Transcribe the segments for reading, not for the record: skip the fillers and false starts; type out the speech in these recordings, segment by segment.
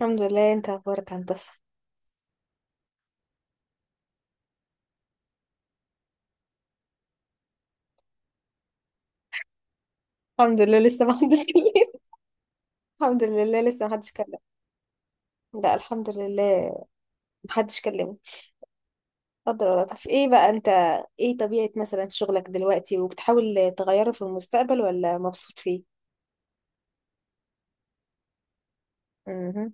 الحمد لله. انت اخبارك هندسه؟ الحمد لله، لسه ما حدش كلمني. الحمد لله، لسه ما حدش كلم. لا الحمد لله. ما حدش كلمني. قدر. ولا طب ايه بقى انت؟ ايه طبيعه مثلا شغلك دلوقتي، وبتحاول تغيره في المستقبل ولا مبسوط فيه؟ امم.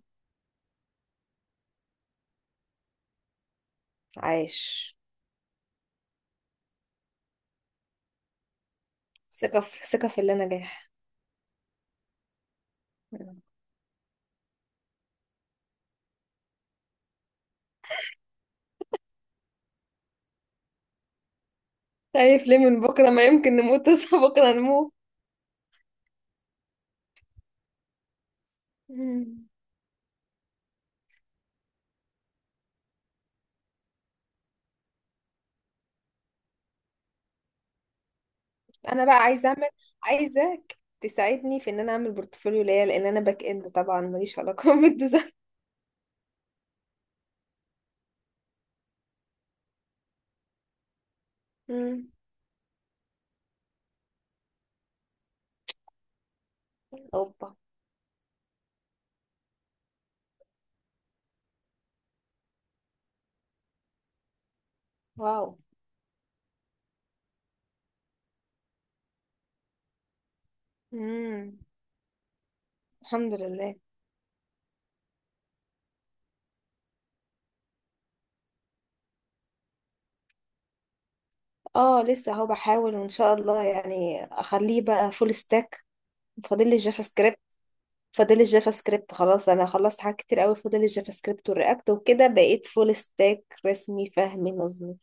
عايش. ثقه في اللي نجاح. مم. خايف ليه من بكره؟ ما يمكن نموت. تصحى بكره نموت. مم. انا بقى عايزه اعمل. عايزاك تساعدني في ان انا اعمل بورتفوليو ليا، لان انا باك اند طبعا ماليش علاقه بالديزاين. مم. اوبا. واو. امم. الحمد لله. اه، لسه اهو بحاول وان شاء الله يعني اخليه بقى فول ستاك. فاضل لي الجافا سكريبت فاضل لي الجافا سكريبت خلاص. انا خلصت حاجات كتير قوي. فاضل لي الجافا سكريبت والرياكت وكده بقيت فول ستاك رسمي فهمي نظمي.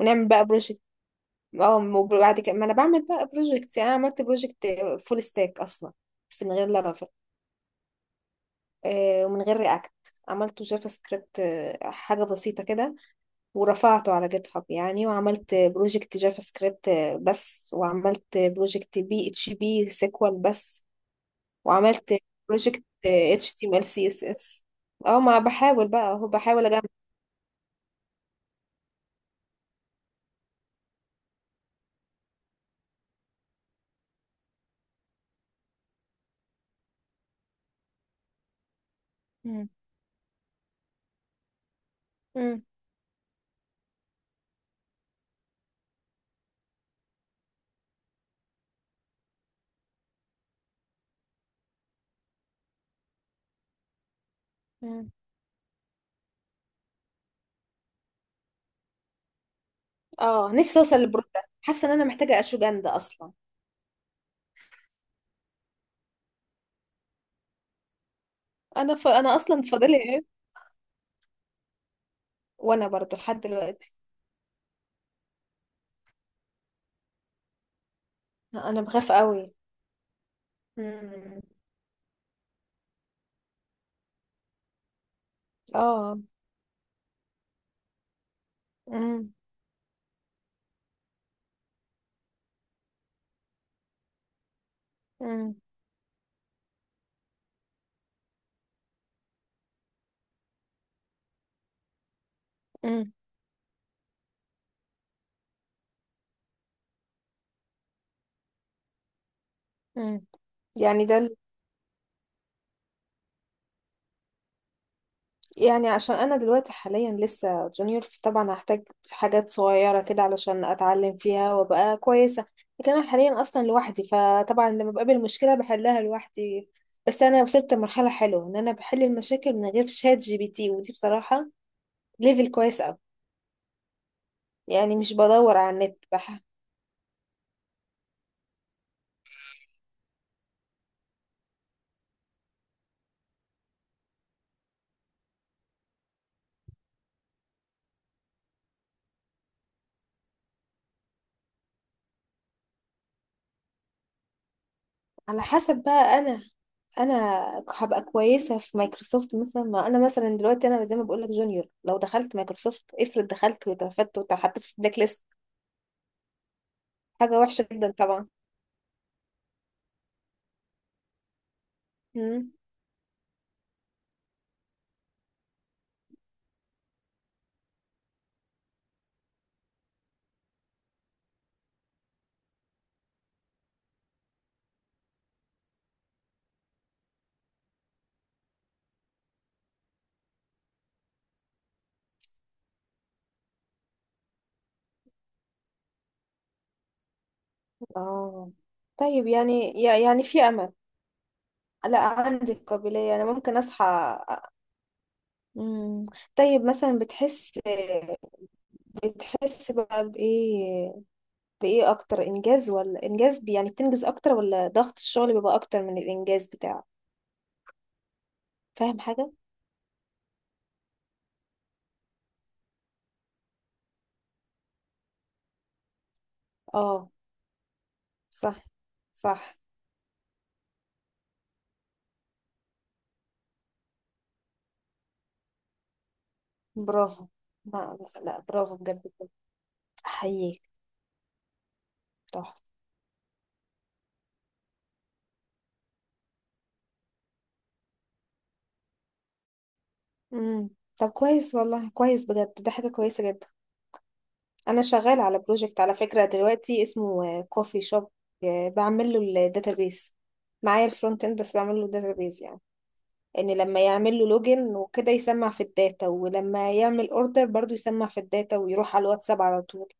ونعمل بقى بروجكت. اه، وبعد كده ما انا بعمل بقى بروجكت. يعني انا عملت بروجكت فول ستاك اصلا. بس من غير لارافيل. آه، ومن غير رياكت. عملته جافا سكريبت، آه، حاجة بسيطة كده. ورفعته على جيت هاب يعني. وعملت بروجكت جافا سكريبت بس. وعملت بروجكت بي اتش بي سيكوال بس. وعملت بروجكت اتش تي ام ال سي اس اس. اه، ما بحاول بقى اهو بحاول اجمع. مم. مم. مم. اه، نفسي اوصل للبرو ده. حاسه ان انا محتاجه اشوجان ده اصلا. انا اصلا فاضلي ايه. وانا برضو لحد دلوقتي. انا بخاف قوي. مم. اه. مم. مم. مم. مم. يعني ده، يعني عشان انا دلوقتي حاليا لسه جونيور طبعا هحتاج حاجات صغيره كده علشان اتعلم فيها وابقى كويسه. لكن انا حاليا اصلا لوحدي، فطبعا لما بقابل مشكله بحلها لوحدي. بس انا وصلت لمرحله حلوه ان انا بحل المشاكل من غير شات جي بي تي، ودي بصراحه ليفل كويس قوي. يعني مش بدور على النت. على حسب بقى. انا انا هبقى كويسه في مايكروسوفت مثلا. ما انا مثلا دلوقتي انا زي ما بقول لك جونيور، لو دخلت مايكروسوفت افرض دخلت واترفدت واتحطيت في بلاك ليست، حاجة وحشة جدا طبعا. مم. اه، طيب يعني، يعني في امل؟ لا عندي القابلية. انا ممكن اصحى. مم. طيب مثلا بتحس، بتحس بقى بايه بايه اكتر انجاز ولا انجاز، يعني بتنجز اكتر ولا ضغط الشغل بيبقى اكتر من الانجاز بتاعه؟ فاهم حاجة. اه. صح صح. برافو. ما- لا برافو بجد بجد. احييك. تحفة. مم. طب كويس والله، كويس بجد. ده حاجة كويسة جدا. انا شغال على بروجكت على فكره دلوقتي، اسمه كوفي شوب. بعمل له الداتابيس. معايا الفرونت اند بس، بعمل له الداتابيس يعني. ان لما يعمل له لوجن وكده يسمع في الداتا، ولما يعمل اوردر برضو يسمع في الداتا ويروح على الواتساب على طول.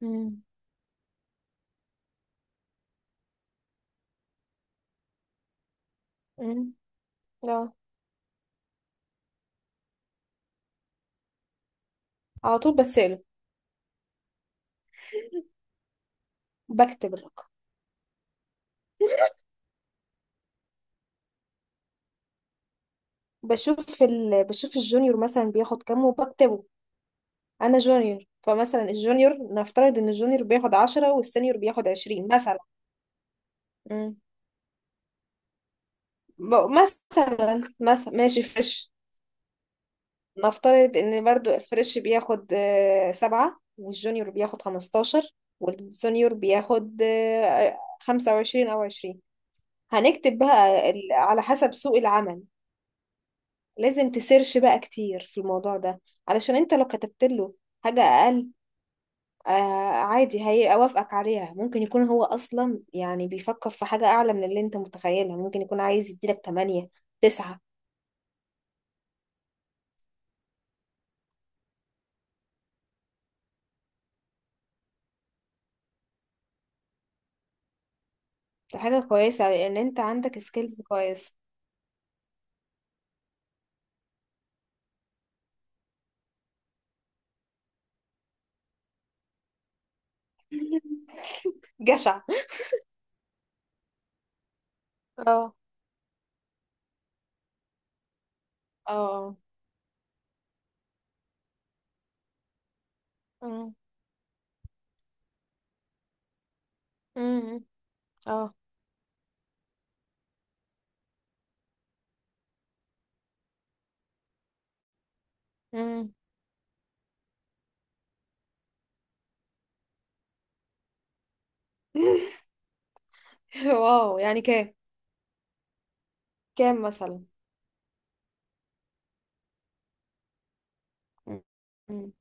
مم. امم. لا، على طول بسأله. بكتب الرقم. بشوف الجونيور مثلا بياخد كام وبكتبه. انا جونيور، فمثلا الجونيور نفترض ان الجونيور بياخد 10 والسينيور بياخد 20 مثلا. مثلا، ماشي فريش. نفترض ان برضو الفريش بياخد آه، سبعة، والجونيور بياخد 15. والسونيور بياخد آه، 25 أو 20. هنكتب بقى على حسب سوق العمل. لازم تسيرش بقى كتير في الموضوع ده، علشان انت لو كتبت له حاجة أقل، آه، عادي هيوافقك عليها. ممكن يكون هو أصلا يعني بيفكر في حاجة أعلى من اللي انت متخيلها. ممكن يكون عايز يديلك تمانية، تسعة. ده حاجة كويسة لأن أنت عندك سكيلز كويسة. جشع. اه اه. أمم، أمم، اه أمم. واو، يعني كام؟ كام مثلا؟ مم.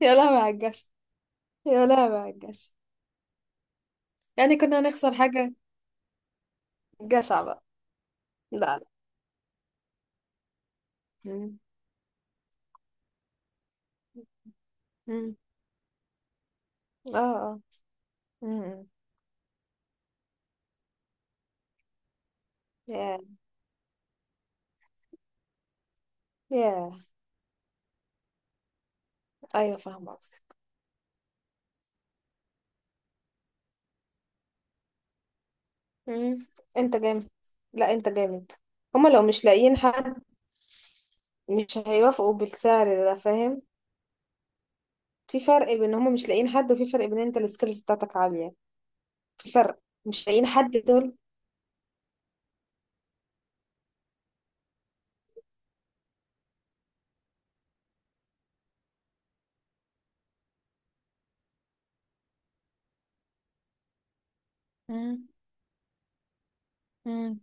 يا لهوي على الجشع. يا لهوي على الجشع. يعني كنا هنخسر حاجة؟ جشع بقى. لا لا. أمم، أمم. اه اه. أمم. يا يا أيوة فاهمة قصدك. مم. أنت جامد. لا أنت جامد. هما لو مش لاقيين حد مش هيوافقوا بالسعر ده، فاهم؟ في فرق بين هما مش لاقيين حد، وفي فرق بين انت السكيلز بتاعتك عالية. في فرق. مش لاقيين حد دول. مم. مم.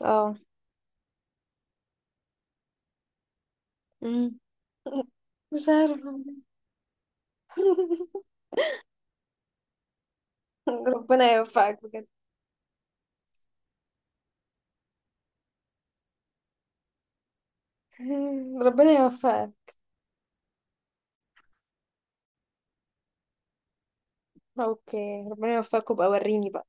اه. مم. مش عارفة. ربنا يوفقك بجد. ربنا يوفقك. اوكي، ربنا يوفقك وابقى وريني بقى.